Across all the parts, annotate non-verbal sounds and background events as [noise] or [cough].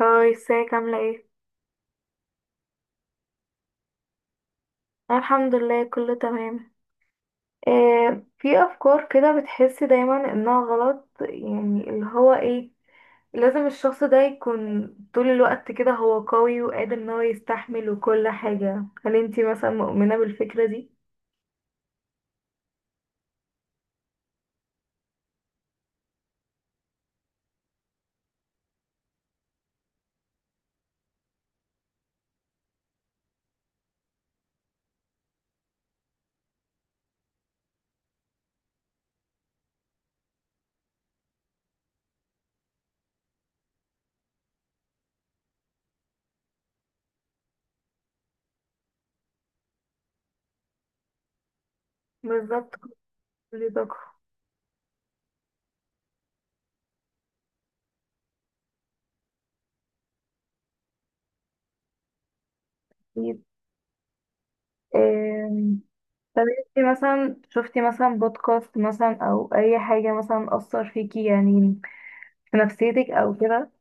هاي، ازيك؟ عاملة ايه؟ أنا الحمد لله كله تمام. آه، في أفكار كده بتحسي دايما إنها غلط، يعني اللي هو ايه، لازم الشخص ده يكون طول الوقت كده هو قوي وقادر إن هو يستحمل وكل حاجة. هل انتي مثلا مؤمنة بالفكرة دي؟ بالظبط، كل طاقة. أكيد. آم، طب انتي مثلا شفتي مثلا بودكاست مثلا أو أي حاجة مثلا أثر فيكي، يعني في نفسيتك أو كده؟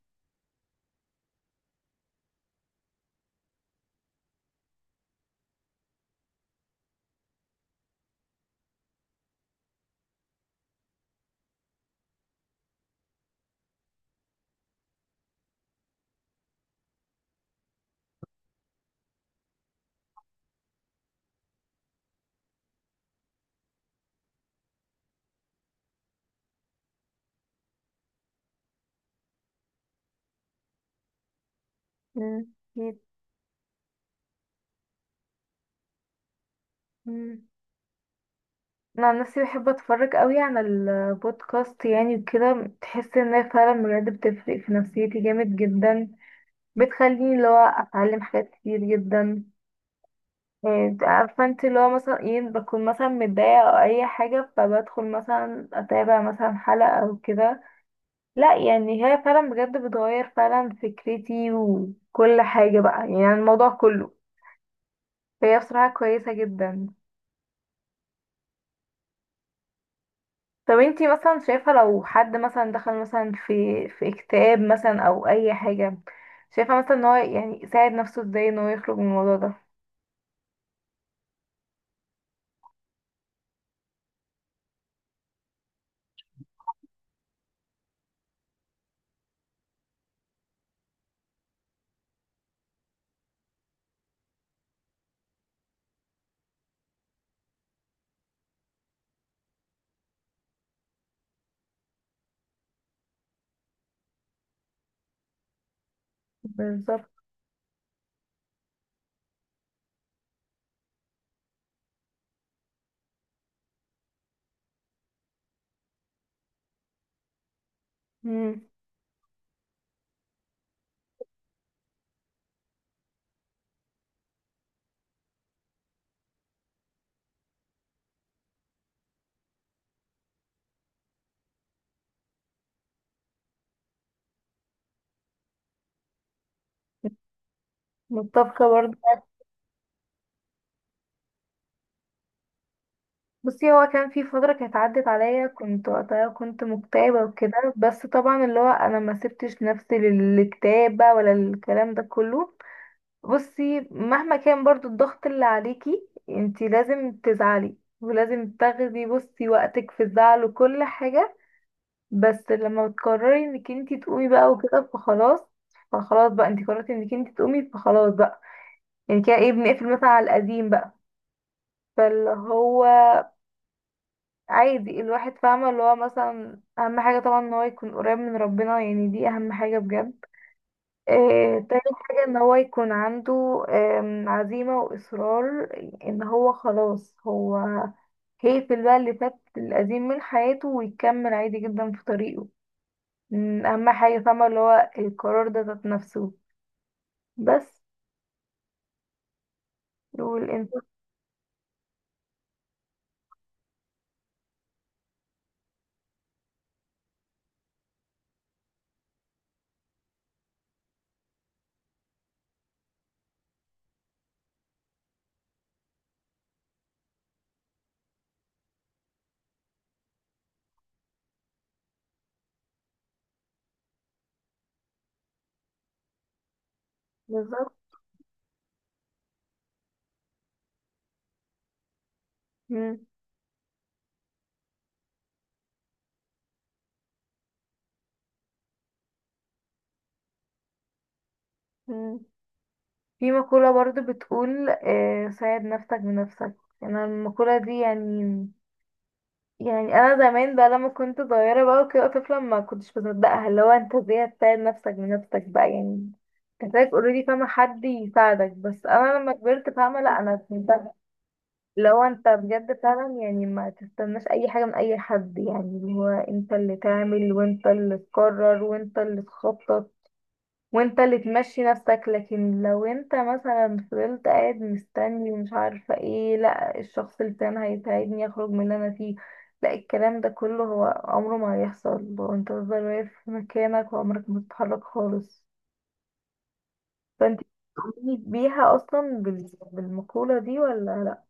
مم، أكيد. مم. انا عن نفسي بحب اتفرج قوي على البودكاست يعني وكده، تحس انها فعلا بجد بتفرق في نفسيتي جامد جدا، بتخليني اللي هو اتعلم حاجات كتير جدا. إيه، عارفه انت اللي هو مثلا ايه، بكون مثلا متضايقه او اي حاجه فبدخل مثلا اتابع مثلا حلقه او كده. لا، يعني هي فعلا بجد بتغير فعلا فكرتي وكل حاجه بقى، يعني الموضوع كله، فهي بصراحه كويسه جدا. طب انتي مثلا شايفة لو حد مثلا دخل مثلا في اكتئاب مثلا او اي حاجة، شايفة مثلا ان هو يعني يساعد نفسه ازاي ان هو يخرج من الموضوع ده؟ بالظبط. مم. متفقة برضه. بصي، هو كان في فترة كانت عدت عليا، كنت وقتها كنت مكتئبة وكده، بس طبعا اللي هو انا ما سبتش نفسي للكتابة ولا الكلام ده كله. بصي، مهما كان برضو الضغط اللي عليكي انتي لازم تزعلي، ولازم تاخدي بصي وقتك في الزعل وكل حاجة، بس لما بتقرري انك انتي تقومي بقى وكده فخلاص. فخلاص بقى، انتي قررتي انك انتي تقومي فخلاص بقى، يعني كده ايه، بنقفل مثلا على القديم بقى. فاللي هو عادي، الواحد فاهمة اللي هو مثلا أهم حاجة طبعا ان هو يكون قريب من ربنا، يعني دي أهم حاجة بجد. آه، تاني حاجة ان هو يكون عنده عزيمة وإصرار ان هو خلاص، هو هيقفل بقى اللي فات القديم من حياته ويكمل عادي جدا في طريقه. مم، اهم حاجه فاهمه اللي هو القرار ده ذات نفسه بس. والانت، بالظبط. مم. مم. في مقوله برضو بتقول آه، ساعد نفسك بنفسك. انا المقوله دي يعني، يعني انا زمان بقى لما كنت صغيره بقى وكده طفله ما كنتش بصدقها، اللي هو انت ازاي هتساعد نفسك بنفسك بقى يعني؟ كذلك اوريدي فاهمه حد يساعدك، بس انا لما كبرت فاهمه لا، انا لو انت بجد فعلا يعني ما تستناش اي حاجة من اي حد، يعني اللي هو انت اللي تعمل وانت اللي تقرر وانت اللي تخطط وانت اللي تمشي نفسك. لكن لو انت مثلا فضلت قاعد مستني ومش عارفة ايه، لا الشخص اللي كان هيساعدني اخرج من اللي انا فيه، لا الكلام ده كله، هو عمره ما هيحصل لو انت تفضل واقف في مكانك وعمرك ما تتحرك خالص. فانت بتؤمني بيها اصلا بالمقولة دي ولا لا؟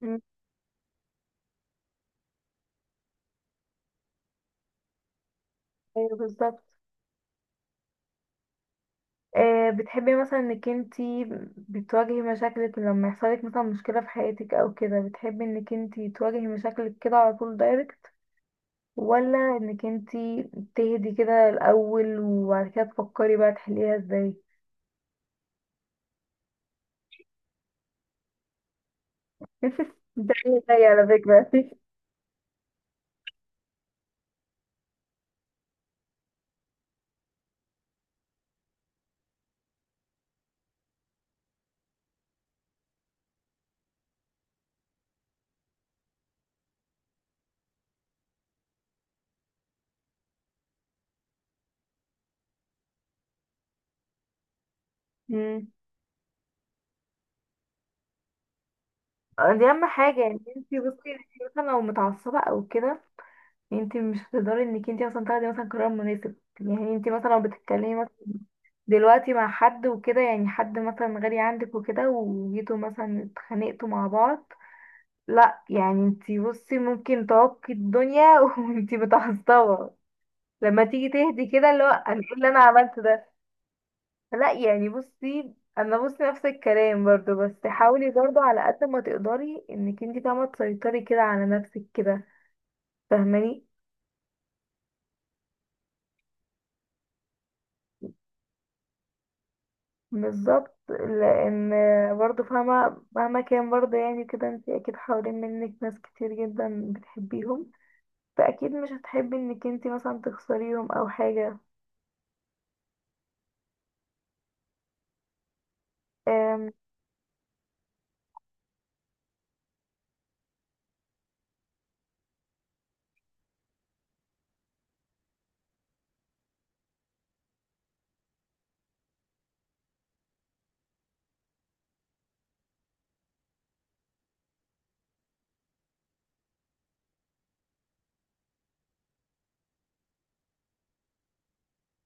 مم. ايوه، بالظبط. آه، بتحبي مثلا انك انتي بتواجهي مشاكلك لما يحصلك مثلا مشكلة في حياتك او كده، بتحبي انك انتي تواجهي مشاكلك كده على طول دايركت، ولا انك انتي تهدي كده الاول وبعد كده تفكري بقى تحليها ازاي؟ [laughs] ده ايه زي على فكرة. مم. دي اهم حاجة يعني. انتي بصي، انتي مثلا لو متعصبة او كده، انتي مش هتقدري انك انتي مثلا تاخدي مثلا قرار مناسب. يعني انتي مثلا لو بتتكلمي دلوقتي مع حد وكده، يعني حد مثلا غالي عندك وكده، وجيتوا مثلا اتخانقتوا مع بعض، لا يعني انتي بصي ممكن تعكي الدنيا [laughs] وانتي متعصبة. لما تيجي تهدي كده اللي هو انا ايه اللي انا عملته ده. لا يعني بصي انا، بصي نفس الكلام برضو، بس حاولي برضو على قد ما تقدري انك انتي فاهمة تسيطري كده على نفسك كده، فاهماني؟ بالظبط، لان برضه فاهمة مهما كان برضه يعني كده انت اكيد حوالين منك ناس كتير جدا بتحبيهم، فاكيد مش هتحبي انك انت مثلا تخسريهم او حاجة. أم.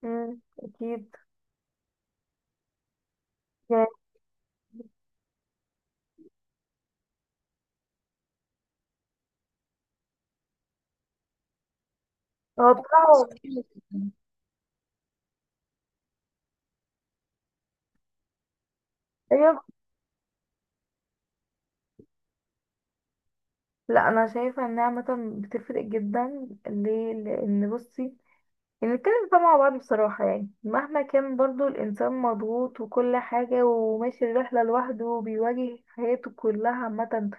أم، اكيد. يعني، هو بصراحة، ايوه. لا، انا شايفة انها عامة بتفرق جدا. ليه؟ لان بصي، يعني نتكلم بقى مع بعض بصراحة، يعني مهما كان برضه الإنسان مضغوط وكل حاجة وماشي الرحلة لوحده وبيواجه حياته كلها عامة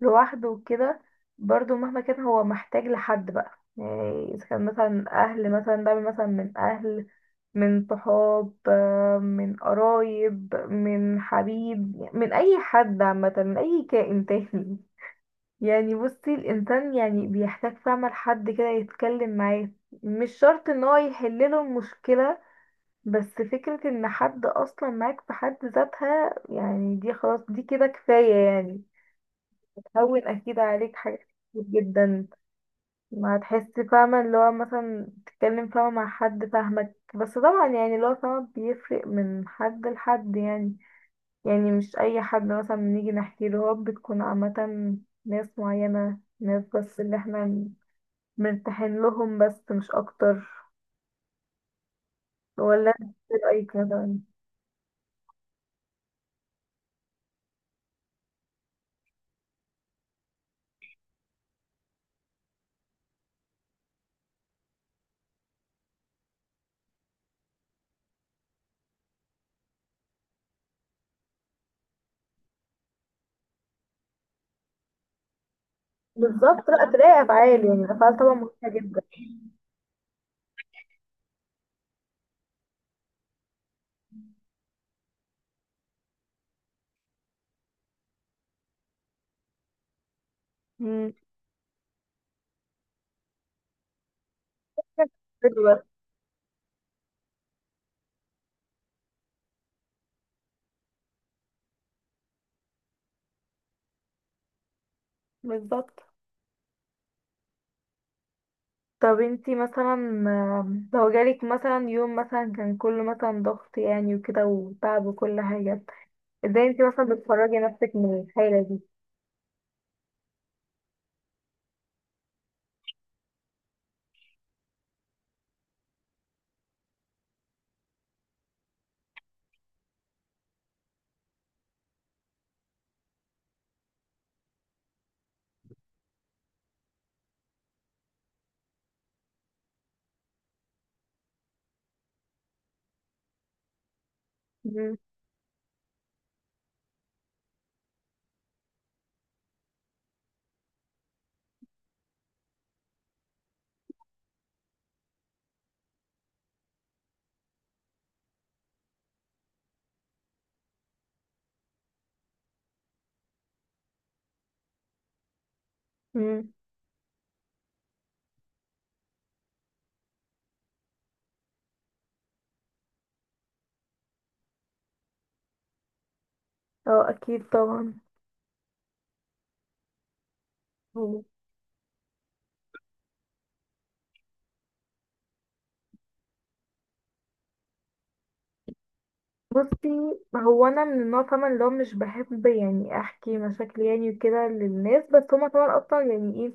لوحده وكده، برضو مهما كان هو محتاج لحد بقى، يعني اذا كان مثلا اهل، مثلا دعم مثلا من اهل، من صحاب، آه، من قرايب، من حبيب، من اي حد عامة، من اي كائن تاني. يعني بصي الانسان يعني بيحتاج فعلا لحد كده يتكلم معاه، مش شرط ان هو يحلله المشكلة، بس فكرة ان حد اصلا معاك في حد ذاتها، يعني دي خلاص دي كده كفاية يعني. هون اكيد عليك حاجات كتير جدا، ما تحس فاهمة اللي هو مثلا تتكلم فاهمة مع حد فاهمك. بس طبعا يعني اللي هو فاهمة بيفرق من حد لحد، يعني يعني مش اي حد مثلا بنيجي نحكي له، هو بتكون عامة ناس معينة، ناس بس اللي احنا مرتاحين لهم بس مش اكتر. ولا انت إيه رأيك مثلا؟ بالظبط، لا تلاقي افعال، يعني الافعال طبعا مهمة جدا. مم. حلوة. بالظبط. طب انتي مثلا لو جالك مثلا يوم مثلا كان كله مثلا ضغط، يعني وكده وتعب وكل حاجة، ازاي انتي مثلا بتخرجي نفسك من الحالة دي؟ مم. مم. اه اكيد طبعا. مم. بصي، هو انا من النوع طبعا اللي هو مش بحب يعني احكي مشاكلي يعني وكده للناس، بس هما طبعا اصلا يعني ايه،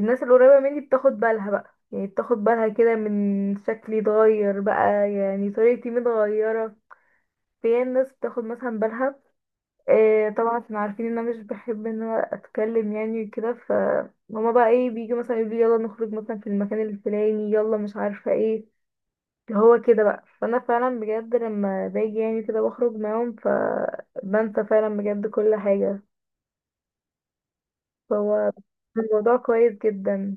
الناس القريبة مني بتاخد بالها بقى، يعني بتاخد بالها كده من شكلي اتغير بقى، يعني طريقتي متغيرة. في ناس بتاخد مثلا بالها، إيه طبعا، عشان عارفين ان انا مش بحب ان انا اتكلم يعني وكده. ف هما بقى ايه، بيجوا مثلا يقولوا لي يلا نخرج مثلا في المكان الفلاني، يلا مش عارفه ايه اللي هو كده بقى. فانا فعلا بجد لما باجي يعني كده بخرج معاهم ف بنسى فعلا بجد كل حاجه، فهو الموضوع كويس جدا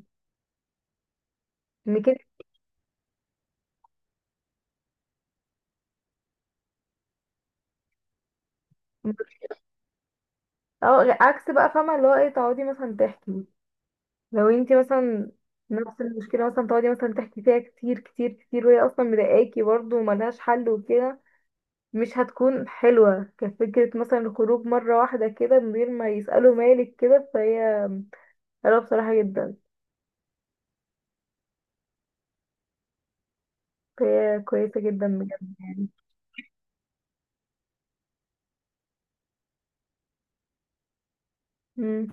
ان كده. اه عكس بقى فاهمه اللي هو ايه، تقعدي مثلا تحكي، لو انتي مثلا نفس المشكله مثلا تقعدي مثلا تحكي فيها كتير كتير كتير وهي اصلا مضايقاكي برضه وملهاش حل وكده، مش هتكون حلوة كفكرة مثلا الخروج مرة واحدة كده من غير ما يسألوا مالك كده، فهي حلوة بصراحة جدا. فهي كويسة جدا بجد يعني. مم.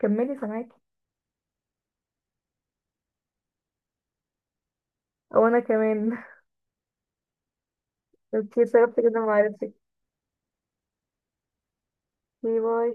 كملي سامعاكي. او انا كمان. [laughs] اوكي، سببت كده معرفتك. باي باي.